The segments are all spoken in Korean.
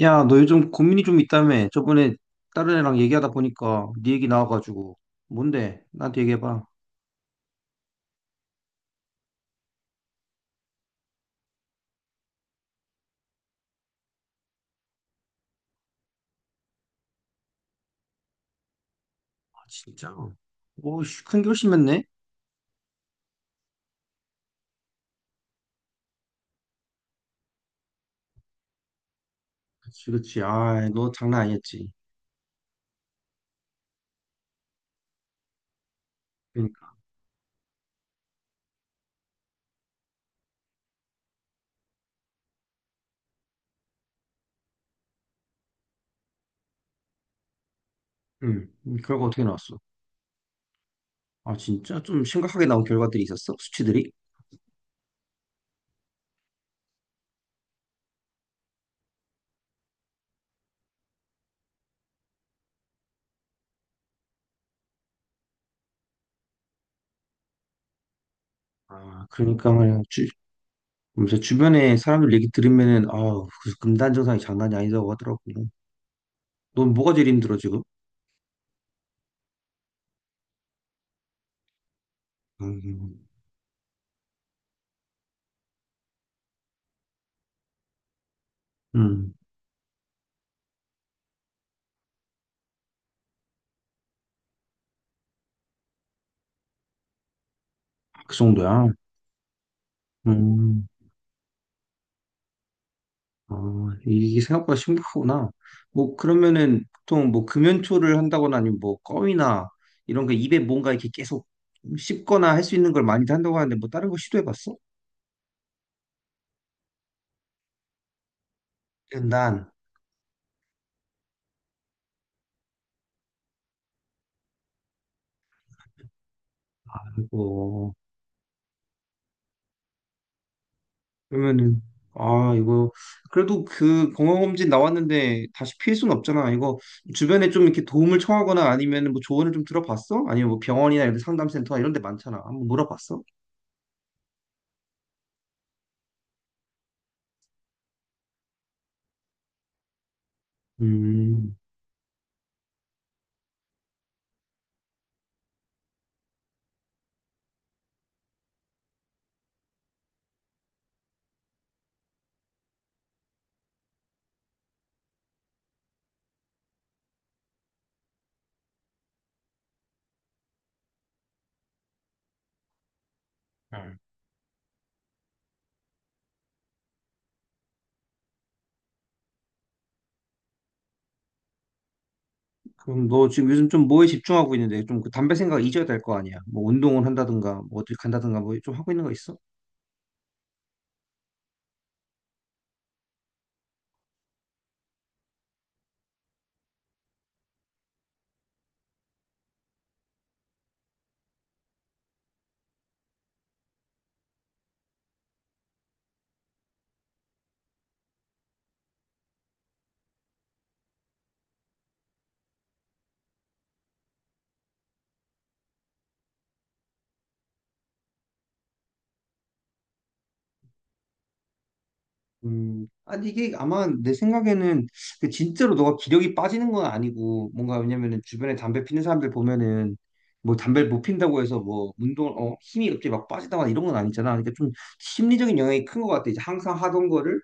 야, 너 요즘 고민이 좀 있다며. 저번에 다른 애랑 얘기하다 보니까 네 얘기 나와가지고. 뭔데? 나한테 얘기해봐. 아, 진짜. 오, 씨, 큰 결심했네? 그치, 그치. 아, 너 장난 아니었지. 그러니까. 응. 결과 어떻게 나왔어? 아, 진짜? 좀 심각하게 나온 결과들이 있었어? 수치들이? 아, 그러니까 말이야. 그래서 주변에 사람들 얘기 들으면은, 아우, 그 금단 증상이 장난이 아니다고 하더라고. 넌 뭐가 제일 힘들어, 지금? 음, 음, 그 정도야. 음, 아, 이게 생각보다 심각하구나. 뭐, 그러면은 보통 뭐 금연초를 한다거나 아니면 뭐 껌이나 이런 거 입에 뭔가 이렇게 계속 씹거나 할 수 있는 걸 많이들 한다고 하는데 뭐 다른 거 시도해봤어? 난, 이거, 그러면은, 아, 이거, 그래도 그 건강검진 나왔는데 다시 피할 수는 없잖아. 이거 주변에 좀 이렇게 도움을 청하거나 아니면 뭐 조언을 좀 들어봤어? 아니면 뭐 병원이나 이런 상담센터 이런 데 많잖아. 한번 물어봤어? 음. 응. 그럼 너 지금 요즘 좀 뭐에 집중하고 있는데 좀 그 담배 생각 잊어야 될 거 아니야? 뭐 운동을 한다든가 뭐 어디 간다든가 뭐 좀 하고 있는 거 있어? 아니 이게 아마 내 생각에는 그 진짜로 너가 기력이 빠지는 건 아니고 뭔가 왜냐면은 주변에 담배 피는 사람들 보면은 뭐 담배를 못 핀다고 해서 뭐 운동을 어 힘이 갑자기 막 빠지다거나 이런 건 아니잖아. 그러니까 좀 심리적인 영향이 큰 것 같아. 이제 항상 하던 거를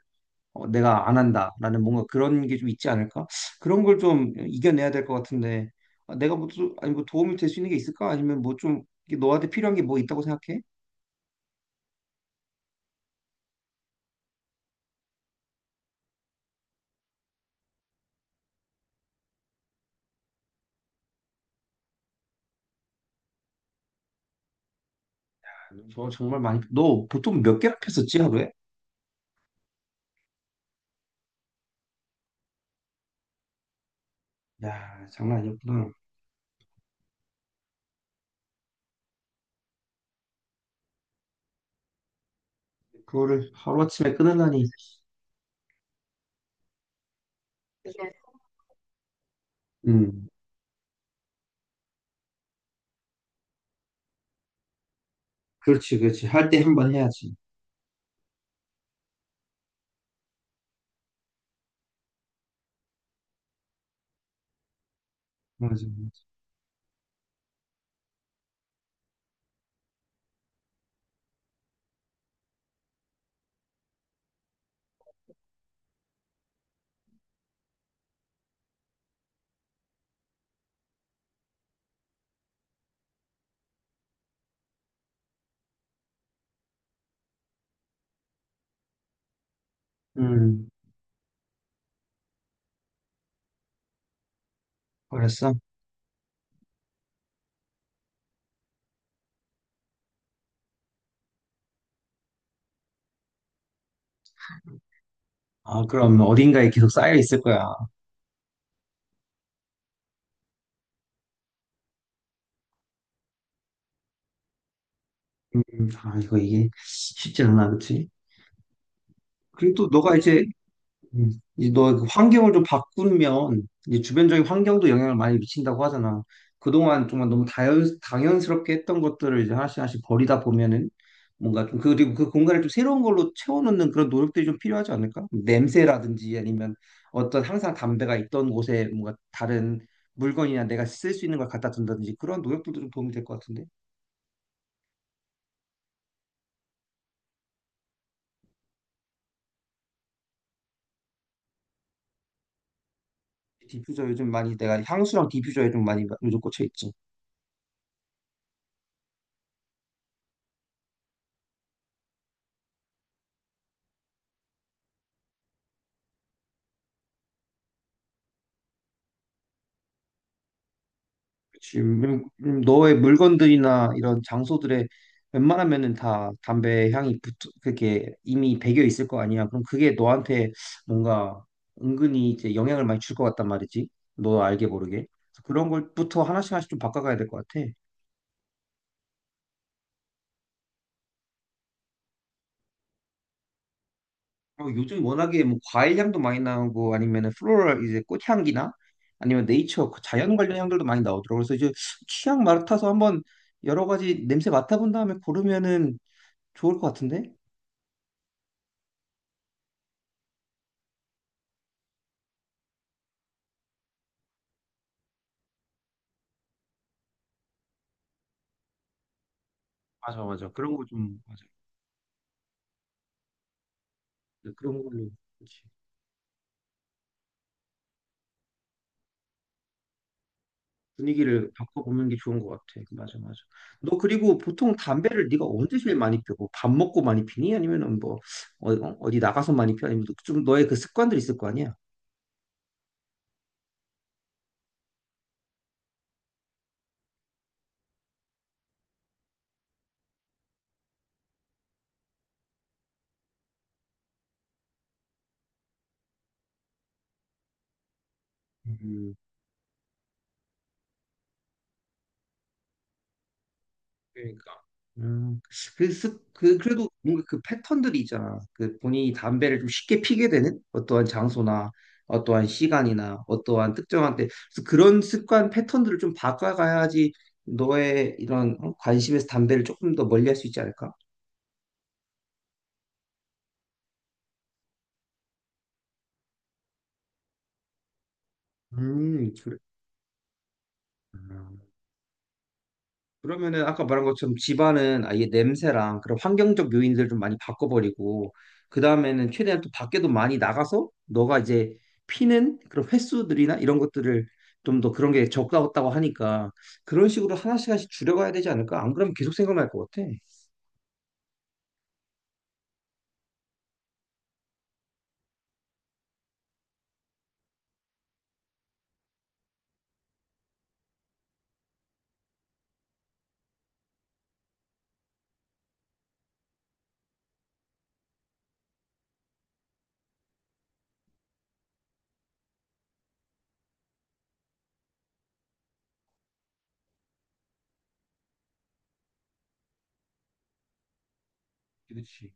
어, 내가 안 한다라는 뭔가 그런 게 좀 있지 않을까? 그런 걸 좀 이겨내야 될 것 같은데 아, 내가 뭐 아니 뭐 도움이 될 수 있는 게 있을까? 아니면 뭐 좀 너한테 필요한 게 뭐 있다고 생각해? 저 정말 많이 너 보통 몇 개나 폈었지 하루에? 야 장난 아니었구나. 그거를 하루아침에 끊으려니. 음, 그렇지, 그렇지. 할 때 한 번 해야지. 맞아, 맞아. 음, 그랬어? 아, 그럼 어딘가에 계속 쌓여 있을 거야. 아, 이거 이게 쉽지 않아, 그치? 그리고 또 너가 이제 음. 이너그 환경을 좀 바꾸면 이제 주변적인 환경도 영향을 많이 미친다고 하잖아. 그동안 정말 너무 당연스럽게 했던 것들을 이제 하나씩 하나씩 버리다 보면은 뭔가 좀 그리고 그 공간을 좀 새로운 걸로 채워넣는 그런 노력들이 좀 필요하지 않을까? 냄새라든지 아니면 어떤 항상 담배가 있던 곳에 뭔가 다른 물건이나 내가 쓸 수 있는 걸 갖다 둔다든지 그런 노력들도 좀 도움이 될 것 같은데. 디퓨저 요즘 많이 내가 향수랑 디퓨저에 좀 많이 요즘 꽂혀 있지. 지금 너의 물건들이나 이런 장소들에 웬만하면은 다 담배 향이 붙어 그게 이미 배겨 있을 거 아니야. 그럼 그게 너한테 뭔가 은근히 이제 영향을 많이 줄 것 같단 말이지. 너 알게 모르게. 그래서 그런 걸부터 하나씩 하나씩 좀 바꿔가야 될 것 같아. 그리고 요즘 워낙에 뭐 과일 향도 많이 나오고 아니면은 플로럴 이제 꽃향기나 아니면 네이처 그 자연 관련 향들도 많이 나오더라고. 그래서 이제 취향 맡아서 한번 여러 가지 냄새 맡아본 다음에 고르면은 좋을 것 같은데? 맞아, 맞아. 그런 거 좀, 맞아. 네, 그런 걸로, 그치. 분위기를 바꿔보는 게 좋은 것 같아. 그 맞아, 맞아. 너 그리고 보통 담배를 네가 언제 제일 많이 피워? 뭐 밥 먹고 많이 피니? 아니면은 뭐, 어, 어, 어디 나가서 많이 피워? 아니면 좀 너의 그 습관들이 있을 거 아니야? 음, 그러니까. 음, 그래서 그 그래도 뭔가 그 패턴들이 있잖아. 그 본인이 담배를 좀 쉽게 피게 되는 어떠한 장소나 어떠한 시간이나 어떠한 특정한 때 그래서 그런 습관 패턴들을 좀 바꿔가야지 너의 이런 어? 관심에서 담배를 조금 더 멀리할 수 있지 않을까? 그래. 그러면은 아까 말한 것처럼 집안은 아예 냄새랑 그런 환경적 요인들을 좀 많이 바꿔버리고 그 다음에는 최대한 또 밖에도 많이 나가서 너가 이제 피는 그런 횟수들이나 이런 것들을 좀 더 그런 게 적다고 하니까 그런 식으로 하나씩 하나씩 줄여가야 되지 않을까? 안 그러면 계속 생각날 것 같아. 그렇지.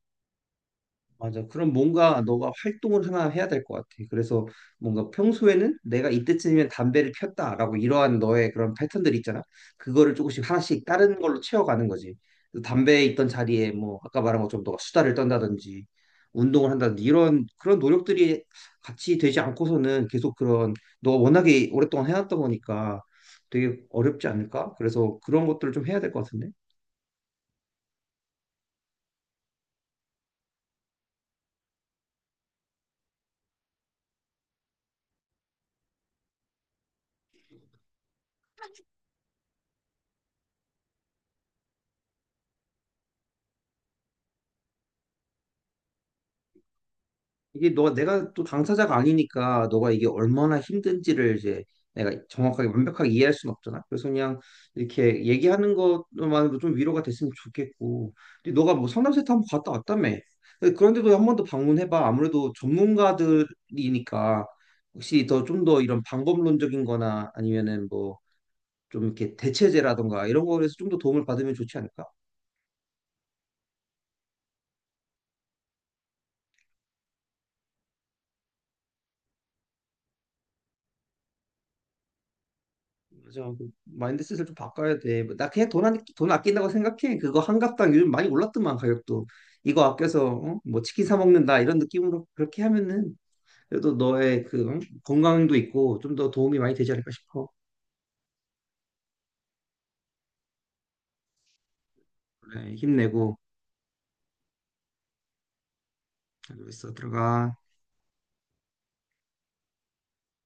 맞아. 그럼 뭔가 너가 활동을 하나 해야 될 것 같아. 그래서 뭔가 평소에는 내가 이때쯤이면 담배를 폈다라고 이러한 너의 그런 패턴들 있잖아. 그거를 조금씩 하나씩 다른 걸로 채워가는 거지. 그래서 담배에 있던 자리에 뭐 아까 말한 것처럼 너가 수다를 떤다든지 운동을 한다든지 이런 그런 노력들이 같이 되지 않고서는 계속 그런 너가 워낙에 오랫동안 해왔던 거니까 되게 어렵지 않을까? 그래서 그런 것들을 좀 해야 될 것 같은데. 이게 너 내가 또 당사자가 아니니까 너가 이게 얼마나 힘든지를 이제 내가 정확하게 완벽하게 이해할 수는 없잖아. 그래서 그냥 이렇게 얘기하는 것만으로 좀 위로가 됐으면 좋겠고. 근데 너가 뭐 상담센터 한번 갔다 왔다며. 근데 그런데도 한 번 더 방문해봐. 아무래도 전문가들이니까 혹시 더 좀 더 이런 방법론적인 거나 아니면은 뭐 좀 이렇게 대체제라던가 이런 거에서 좀 더 도움을 받으면 좋지 않을까? 그래서 그 마인드셋을 좀 바꿔야 돼. 뭐나 그냥 돈, 안, 돈 아낀다고 생각해. 그거 한 갑당 요즘 많이 올랐더만 가격도. 이거 아껴서 어? 뭐 치킨 사 먹는다 이런 느낌으로 그렇게 하면은 그래도 너의 그 응? 건강도 있고 좀 더 도움이 많이 되지 않을까 싶어. 그래, 힘내고 잘 있어 들어가.